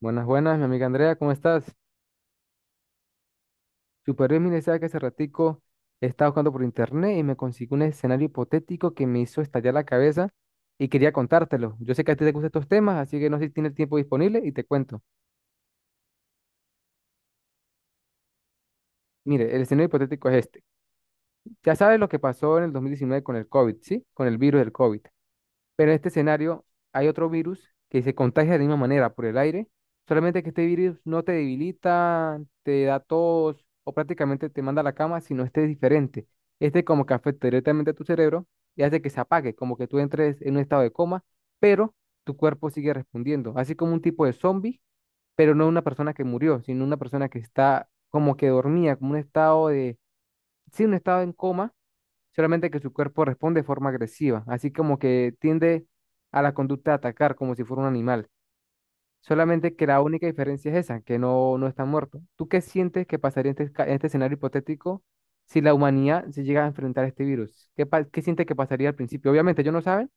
Buenas, buenas, mi amiga Andrea, ¿cómo estás? Super bien, mire, sabe que hace ratico estaba buscando por internet y me consiguió un escenario hipotético que me hizo estallar la cabeza y quería contártelo. Yo sé que a ti te gustan estos temas, así que no sé si tienes tiempo disponible y te cuento. Mire, el escenario hipotético es este. Ya sabes lo que pasó en el 2019 con el COVID, ¿sí? Con el virus del COVID. Pero en este escenario hay otro virus que se contagia de la misma manera por el aire, solamente que este virus no te debilita, te da tos o prácticamente te manda a la cama, sino este es diferente. Este como que afecta directamente a tu cerebro y hace que se apague, como que tú entres en un estado de coma, pero tu cuerpo sigue respondiendo, así como un tipo de zombie, pero no una persona que murió, sino una persona que está como que dormía, como un estado de, sí, un estado en coma solamente que su cuerpo responde de forma agresiva, así como que tiende a la conducta de atacar como si fuera un animal. Solamente que la única diferencia es esa, que no, no está muerto. ¿Tú qué sientes que pasaría en en este escenario hipotético si la humanidad se llega a enfrentar a este virus? ¿Qué, qué sientes que pasaría al principio? Obviamente ellos no saben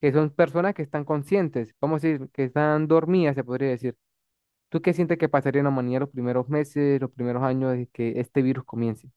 que son personas que están conscientes, vamos a decir, que están dormidas, se podría decir. ¿Tú qué sientes que pasaría en la humanidad los primeros meses, los primeros años de que este virus comience?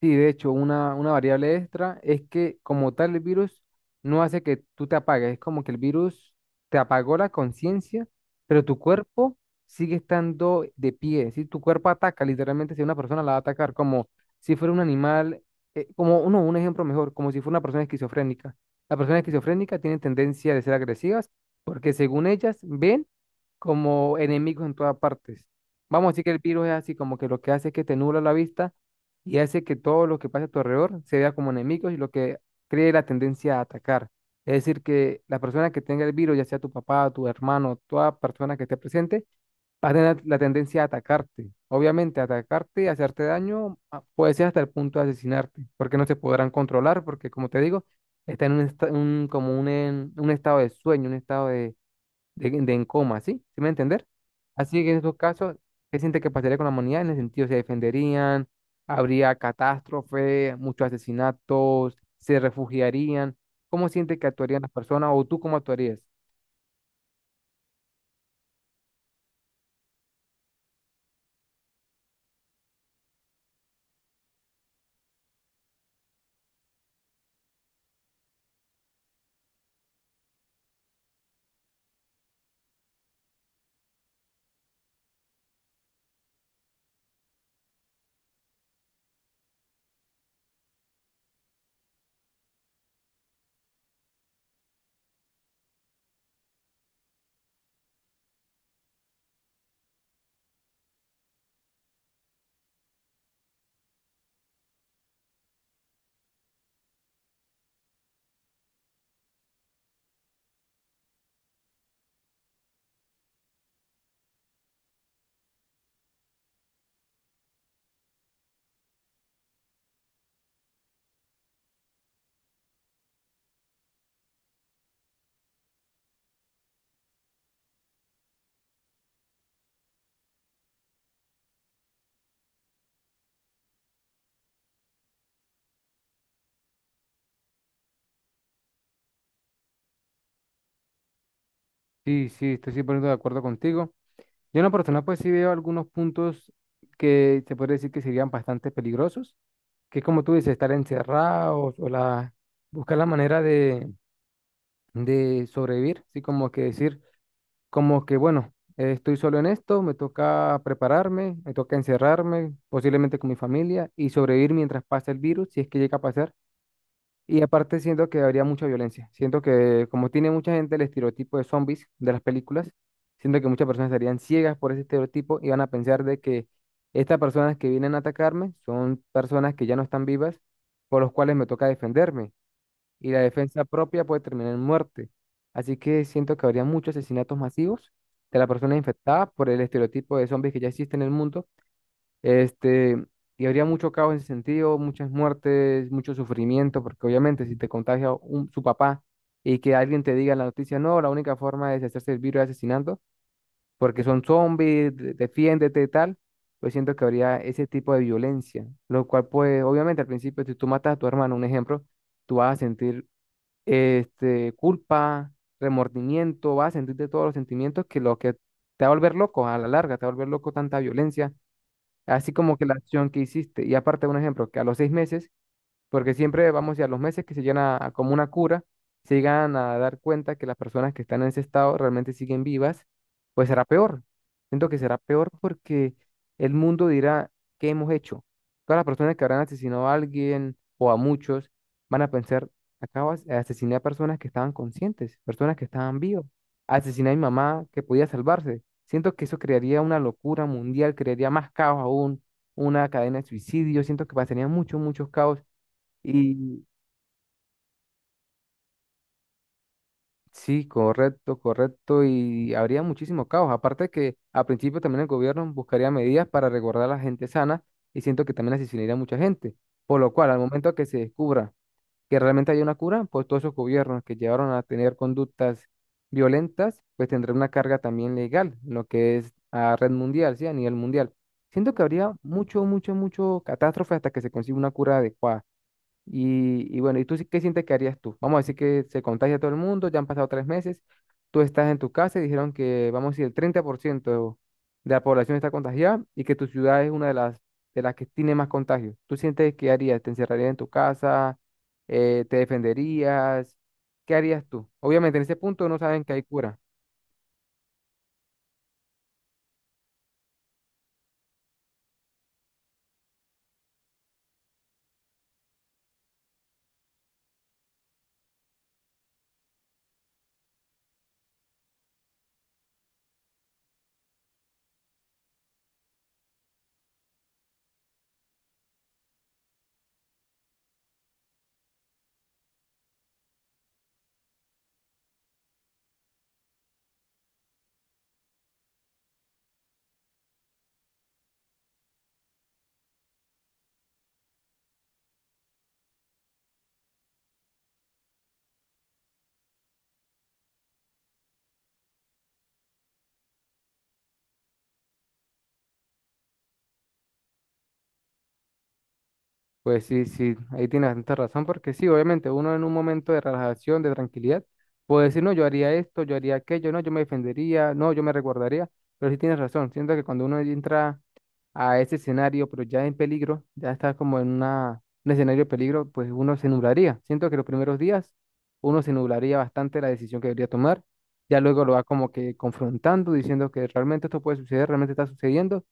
Sí, de hecho, una variable extra es que como tal el virus no hace que tú te apagues, es como que el virus te apagó la conciencia, pero tu cuerpo sigue estando de pie, si tu cuerpo ataca, literalmente si una persona la va a atacar, como si fuera un animal, un ejemplo mejor, como si fuera una persona esquizofrénica. La persona esquizofrénica tiene tendencia de ser agresivas porque según ellas ven como enemigos en todas partes. Vamos a decir que el virus es así, como que lo que hace es que te nubla la vista y hace que todo lo que pasa a tu alrededor se vea como enemigos y lo que cree la tendencia a atacar. Es decir, que la persona que tenga el virus, ya sea tu papá, tu hermano, toda persona que esté presente, va a tener la tendencia a atacarte. Obviamente, atacarte, hacerte daño, puede ser hasta el punto de asesinarte, porque no se podrán controlar, porque como te digo, está en un estado de sueño, un estado de en coma, ¿sí? ¿Sí me va a entender? Así que en esos casos, ¿qué siente que pasaría con la humanidad? En el sentido, se defenderían, habría catástrofe, muchos asesinatos, se refugiarían. ¿Cómo siente que actuarían las personas o tú cómo actuarías? Sí, sí, estoy 100% de acuerdo contigo. Yo en lo personal, pues sí veo algunos puntos que se podría decir que serían bastante peligrosos, que es como tú dices, estar encerrados buscar la manera de sobrevivir, así como que decir, como que, bueno, estoy solo en esto, me toca prepararme, me toca encerrarme, posiblemente con mi familia, y sobrevivir mientras pasa el virus, si es que llega a pasar. Y aparte siento que habría mucha violencia. Siento que como tiene mucha gente el estereotipo de zombies de las películas, siento que muchas personas estarían ciegas por ese estereotipo y van a pensar de que estas personas que vienen a atacarme son personas que ya no están vivas, por los cuales me toca defenderme y la defensa propia puede terminar en muerte. Así que siento que habría muchos asesinatos masivos de las personas infectadas por el estereotipo de zombies que ya existe en el mundo. Este, y habría mucho caos en ese sentido, muchas muertes, mucho sufrimiento, porque obviamente si te contagia su papá y que alguien te diga en la noticia, no, la única forma de deshacerse del virus es asesinando, porque son zombies, defiéndete y tal, pues siento que habría ese tipo de violencia, lo cual pues obviamente al principio si tú matas a tu hermano, un ejemplo, tú vas a sentir culpa, remordimiento, vas a sentirte todos los sentimientos que lo que te va a volver loco a la larga, te va a volver loco tanta violencia, así como que la acción que hiciste. Y aparte, un ejemplo, que a los 6 meses porque siempre vamos y a los meses que se llegan a como una cura, se llegan a dar cuenta que las personas que están en ese estado realmente siguen vivas, pues será peor. Siento que será peor porque el mundo dirá, ¿qué hemos hecho? Todas las personas que habrán asesinado a alguien o a muchos van a pensar, acabas de asesinar a personas que estaban conscientes, personas que estaban vivas. Asesiné a mi mamá que podía salvarse. Siento que eso crearía una locura mundial, crearía más caos aún, una cadena de suicidios. Siento que pasarían muchos, muchos caos y sí, correcto, correcto. Y habría muchísimo caos. Aparte que a principio también el gobierno buscaría medidas para resguardar a la gente sana y siento que también asesinaría a mucha gente. Por lo cual, al momento que se descubra que realmente hay una cura, pues todos esos gobiernos que llevaron a tener conductas violentas, pues tendrán una carga también legal, lo que es a red mundial, sí, a nivel mundial. Siento que habría mucho, mucho, mucho catástrofe hasta que se consiga una cura adecuada. Y bueno, ¿y tú qué sientes que harías tú? Vamos a decir que se contagia todo el mundo, ya han pasado 3 meses, tú estás en tu casa y dijeron que, vamos a decir, el 30% de la población está contagiada y que tu ciudad es una de de las que tiene más contagios. ¿Tú sientes qué harías? ¿Te encerrarías en tu casa? ¿Te defenderías? ¿Qué harías tú? Obviamente en ese punto no saben que hay cura. Pues sí, sí, ahí tienes bastante razón, porque sí, obviamente uno en un momento de relajación, de tranquilidad, puede decir, no, yo haría esto, yo haría aquello, no, yo me defendería, no, yo me resguardaría, pero sí tienes razón, siento que cuando uno entra a ese escenario, pero ya en peligro, ya está como en un escenario de peligro, pues uno se nublaría, siento que los primeros días uno se nublaría bastante la decisión que debería tomar, ya luego lo va como que confrontando, diciendo que realmente esto puede suceder, realmente está sucediendo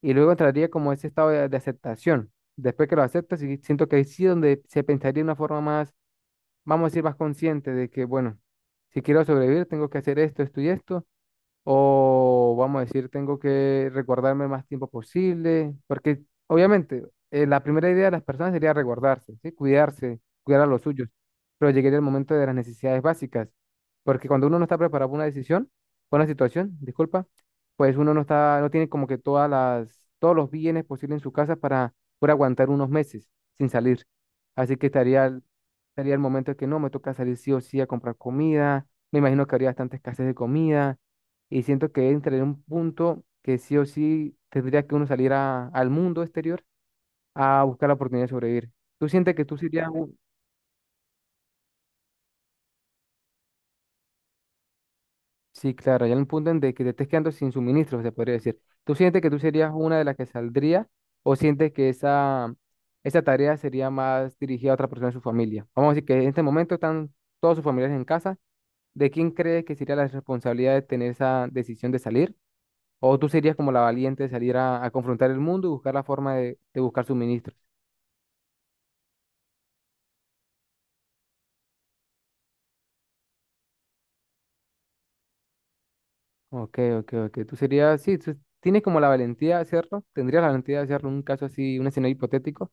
y luego entraría como ese estado de aceptación. Después que lo aceptas, sí siento que ahí sí donde se pensaría de una forma más, vamos a decir, más consciente de que, bueno, si quiero sobrevivir, tengo que hacer esto, esto y esto, o vamos a decir, tengo que recordarme más tiempo posible, porque obviamente la primera idea de las personas sería recordarse, ¿sí? Cuidarse, cuidar a los suyos, pero llegaría el momento de las necesidades básicas, porque cuando uno no está preparado para una decisión, para una situación, disculpa, pues uno no está, no tiene como que todas todos los bienes posibles en su casa para poder aguantar unos meses sin salir. Así que estaría, estaría el momento de que no, me toca salir sí o sí a comprar comida, me imagino que habría bastante escasez de comida y siento que entraré en un punto que sí o sí tendría que uno salir al mundo exterior a buscar la oportunidad de sobrevivir. ¿Tú sientes que tú serías un... Sí, claro, ya en un punto en de que te estés quedando sin suministros, se podría decir. ¿Tú sientes que tú serías una de las que saldría o sientes que esa tarea sería más dirigida a otra persona de su familia? Vamos a decir que en este momento están todos sus familiares en casa. ¿De quién crees que sería la responsabilidad de tener esa decisión de salir? ¿O tú serías como la valiente de salir a confrontar el mundo y buscar la forma de buscar suministros? Ok, ok, ok. Tú serías, sí, tú tienes como la valentía de hacerlo, tendrías la valentía de hacerlo en un caso así, un escenario hipotético.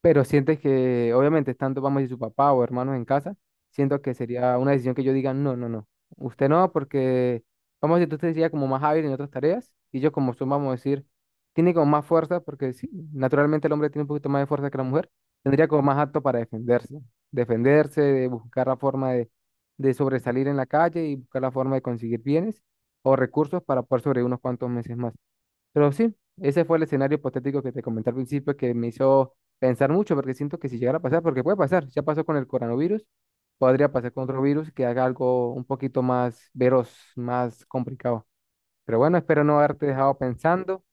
Pero sientes que, obviamente, estando, vamos a decir, su papá o hermanos en casa, siento que sería una decisión que yo diga, no, no, no, usted no, porque, vamos a decir, usted sería como más hábil en otras tareas, y yo como son, vamos a decir, tiene como más fuerza, porque sí, naturalmente el hombre tiene un poquito más de fuerza que la mujer, tendría como más apto para defenderse, defenderse, de buscar la forma de sobresalir en la calle y buscar la forma de conseguir bienes o recursos para poder sobrevivir unos cuantos meses más. Pero sí, ese fue el escenario hipotético que te comenté al principio que me hizo pensar mucho, porque siento que si llegara a pasar, porque puede pasar, ya pasó con el coronavirus, podría pasar con otro virus que haga algo un poquito más veros, más complicado. Pero bueno, espero no haberte dejado pensando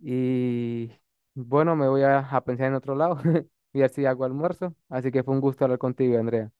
y bueno, me voy a pensar en otro lado, y a ver si hago almuerzo. Así que fue un gusto hablar contigo, Andrea.